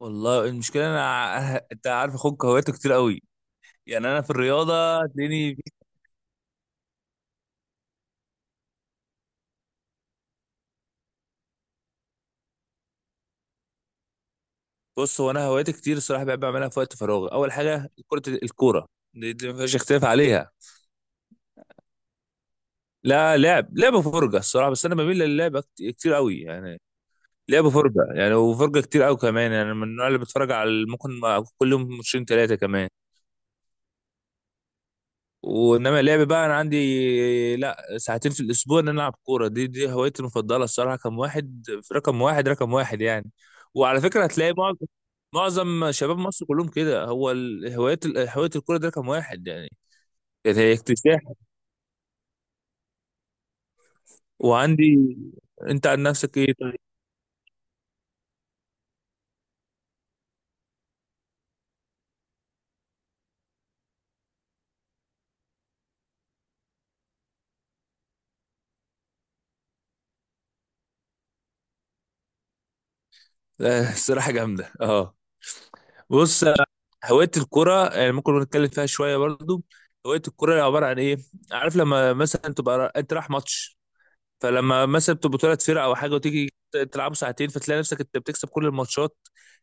والله المشكله انا انت عارف اخوك هواياته كتير قوي. يعني انا في الرياضه هتلاقيني. بص، هو انا هواياتي كتير الصراحه، بحب اعملها في وقت فراغ. اول حاجه كره الكوره، دي ما فيش اختلاف عليها. لا لعب، لعب وفرجه الصراحه، بس انا بميل للعب كتير قوي يعني. لعب وفرجه يعني، وفرجه كتير قوي كمان يعني، من النوع اللي بتفرج على ممكن كل يوم ماتشين ثلاثه كمان. وانما اللعب بقى انا عندي لا ساعتين في الاسبوع ان انا العب كوره، دي هوايتي المفضله الصراحه، رقم واحد في رقم واحد رقم واحد يعني. وعلى فكره هتلاقي معظم شباب مصر كلهم كده، هو هوايه هوايه الكوره دي رقم واحد يعني. يعني هي اكتساح. وعندي انت عن نفسك ايه طيب؟ آه، الصراحه جامده اه. بص، آه، هوايه الكوره يعني ممكن نتكلم فيها شويه برضو. هوايه الكوره عباره عن ايه؟ عارف لما مثلا تبقى انت رايح ماتش، فلما مثلا بتبقوا ثلاث فرق او حاجه وتيجي تلعبوا ساعتين، فتلاقي نفسك انت بتكسب كل الماتشات.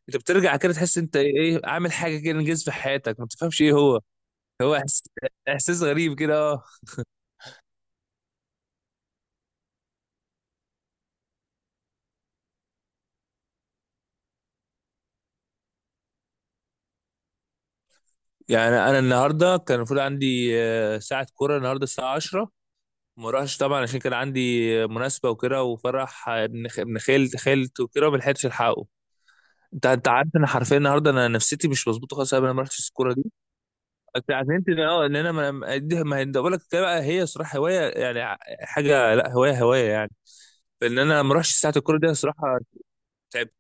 انت بترجع كده تحس انت ايه، عامل حاجه كده انجاز في حياتك، ما تفهمش ايه هو. هو احساس غريب كده اه. يعني انا النهارده كان المفروض عندي آه، ساعه كوره النهارده الساعه 10، ما راحش طبعا عشان كان عندي مناسبه وكده، وفرح آه، ابن ابن خالت خالت وكده، وما لحقتش الحقه. انت عارف انا حرفيا النهارده انا نفسيتي مش مظبوطه خالص، أنا ما رحتش الكوره دي. بس عشان انت اه ان انا ما دي ما ده بقول لك، ده بقى هي صراحه هوايه يعني، حاجه لا هوايه هوايه يعني. فان انا ما اروحش ساعه الكوره دي صراحه، تعبت.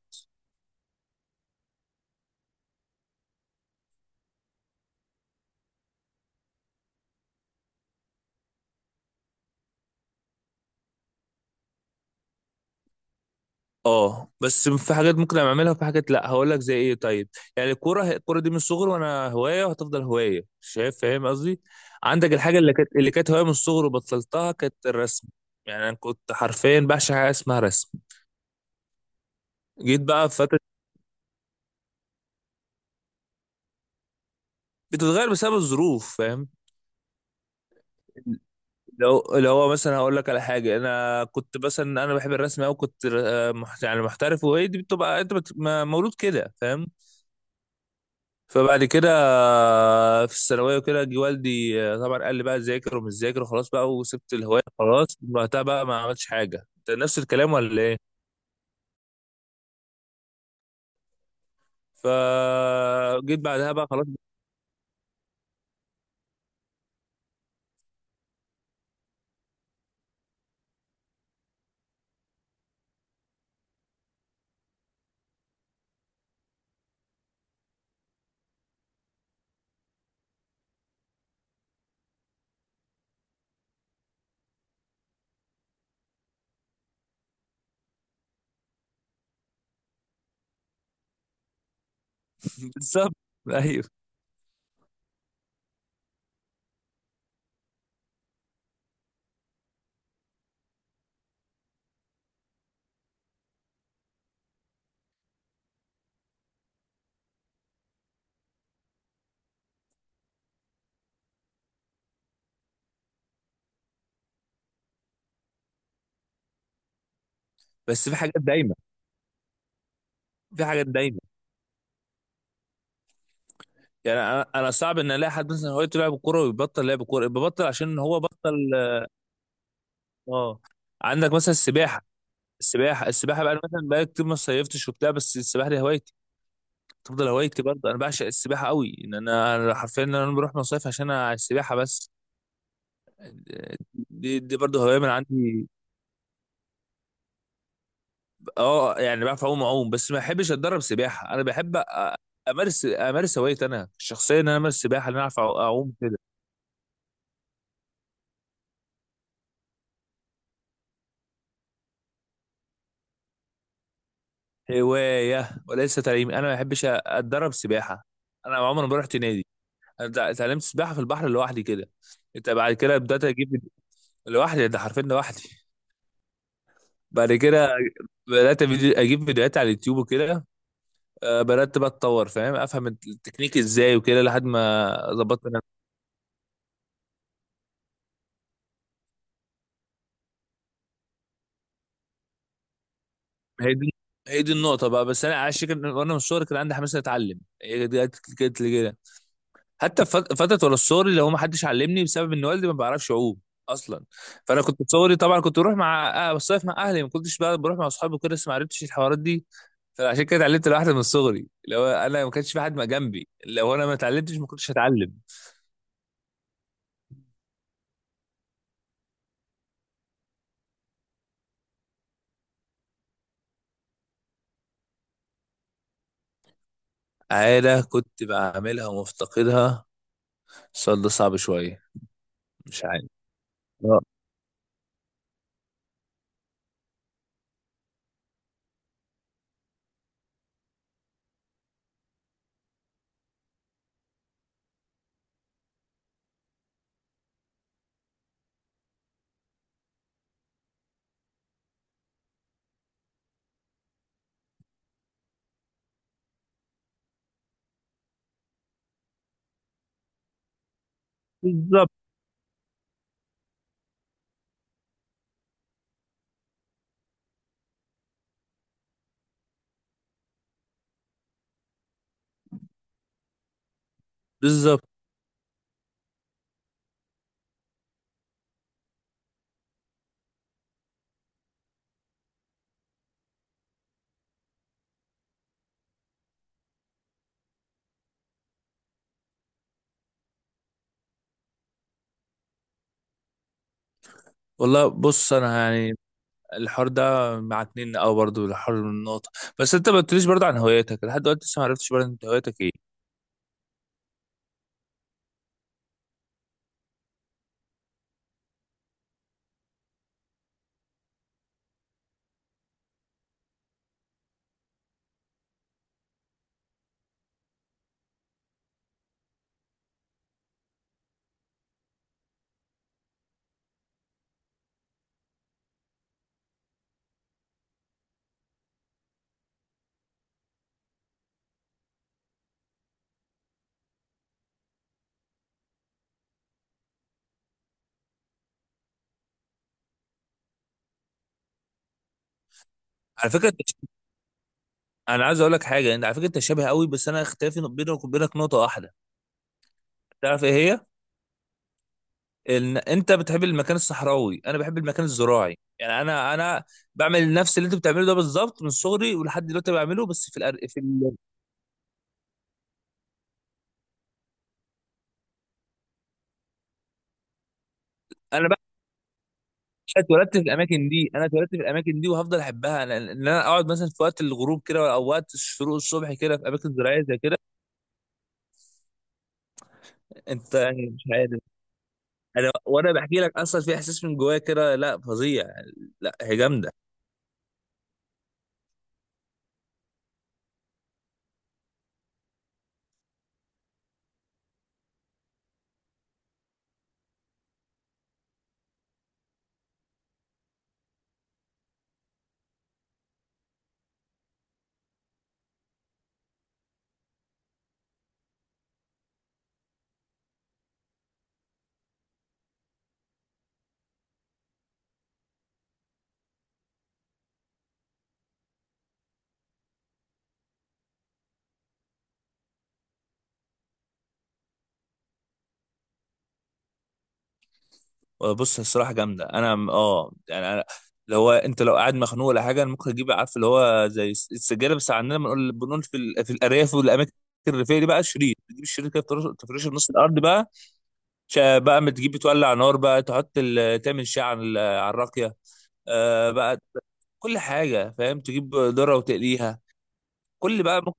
اه بس في حاجات ممكن اعملها، وفي حاجات لا. هقول لك زي ايه طيب. يعني الكوره، الكوره دي من الصغر وانا هوايه، وهتفضل هوايه، شايف، فاهم قصدي. عندك الحاجه اللي كانت، اللي كانت هوايه من الصغر وبطلتها، كانت الرسم. يعني انا كنت حرفيا بعشق حاجه اسمها رسم. جيت بقى في فتره. بتتغير بسبب الظروف، فاهم. لو هو مثلا هقول لك على حاجه، انا كنت مثلا انا بحب الرسم قوي، كنت آه، يعني محترف، وهي دي بتبقى انت مولود كده، فاهم. فبعد كده آه، في الثانويه وكده، جه والدي آه، طبعا قال لي بقى ذاكر ومش ذاكر وخلاص بقى، وسبت الهوايه خلاص، من وقتها بقى ما عملتش حاجه. انت نفس الكلام ولا ايه؟ فجيت بعدها بقى خلاص. بالظبط. ايوه بس في حاجات دايمه، في حاجات دايمه. يعني انا صعب ان الاقي حد مثلا هوايته لعب كوره ويبطل لعب كوره، ببطل عشان هو بطل. اه. عندك مثلا السباحه، السباحه بقى أنا مثلا بقى كتير ما صيفتش وبتاع، بس السباحه دي هوايتي، تفضل هوايتي برضه. انا بعشق السباحه قوي، ان انا أنا حرفيا إن انا بروح مصيف عشان أنا على السباحه بس. دي برضه هوايه من عندي. اه يعني بعرف اعوم، اعوم بس ما بحبش اتدرب سباحه. انا بحب امارس هوايتي انا الشخصيه، ان انا امارس سباحه، ان انا اعرف اعوم كده. هوايه وليس تعليم، انا ما بحبش اتدرب سباحه. انا عمري ما رحت نادي. انا اتعلمت سباحه في البحر لوحدي كده. انت بعد كده بدات اجيب. لوحدي، ده حرفيا لوحدي. بعد كده بدات اجيب فيديوهات على اليوتيوب وكده، آه، بدات بقى اتطور، فاهم، افهم التكنيك ازاي وكده، لحد ما ظبطت انا. هي دي هي دي النقطه بقى. بس انا على الشكل وانا من الصغر كان عندي حماس إني اتعلم، هي دي جت لي كده. حتى في فتره ولا الصغر اللي هو ما حدش علمني بسبب ان والدي ما بيعرفش يعوم اصلا. فانا كنت صغري طبعا كنت بروح مع آه، بصيف مع اهلي، ما كنتش بقى بروح مع اصحابي وكده، بس ما عرفتش الحوارات دي. فعشان كده اتعلمت لوحدي من صغري. لو انا ما كانش في حد ما جنبي، لو انا ما اتعلمتش، ما كنتش هتعلم. عاده كنت بعملها ومفتقدها، السؤال ده صعب شويه. مش عارف، آه. بالظبط بالظبط. والله بص انا يعني الحوار ده مع اتنين او برضو الحوار من النقطه. بس انت ما قلتليش برضو عن هواياتك لحد دلوقتي، لسه ما عرفتش برضو انت هواياتك ايه. على فكره انا عايز اقول لك حاجه، انت على فكره انت شبه قوي، بس انا اختلافي بينك وبينك نقطه واحده، تعرف ايه هي؟ إن انت بتحب المكان الصحراوي، انا بحب المكان الزراعي، يعني انا بعمل نفس اللي انت بتعمله ده بالظبط من صغري ولحد دلوقتي بعمله، بس في في انا بقى مش اتولدت في الاماكن دي، انا اتولدت في الاماكن دي وهفضل احبها. ان انا اقعد مثلا في وقت الغروب كده او وقت الشروق الصبح كده في اماكن زراعيه زي كده. انت يعني مش عارف، انا وانا بحكي لك اصلا في احساس من جوايا كده، لا فظيع، لا هي جامده. آه، بص الصراحه جامده انا اه يعني انا اللي هو انت لو قاعد مخنوق ولا حاجه، انا ممكن اجيب عارف اللي هو زي السجاده، بس عندنا بنقول، بنقول في في الارياف والاماكن الريفيه دي بقى، شريط، تجيب الشريط كده تفرشه في نص الارض بقى. بقى ما تجيب تولع نار بقى، تحط تعمل شاي على على الراقيه، آه بقى، كل حاجه فاهم، تجيب ذره وتقليها. كل بقى ممكن.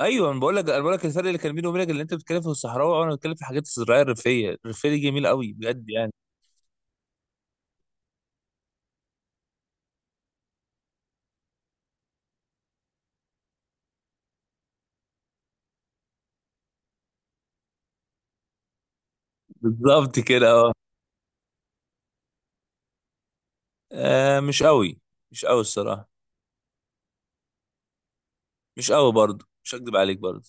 ايوه انا بقول لك، انا بقول لك الفرق اللي كان بيني وبينك، اللي انت بتتكلم في الصحراوي وانا بتكلم في الحاجات الزراعيه الريفيه، الريفيه دي جميله قوي بجد يعني. بالظبط كده آه. آه مش قوي، مش قوي الصراحة، مش قوي برضه، مش هكدب عليك برضه.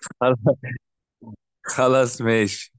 خلاص ماشي.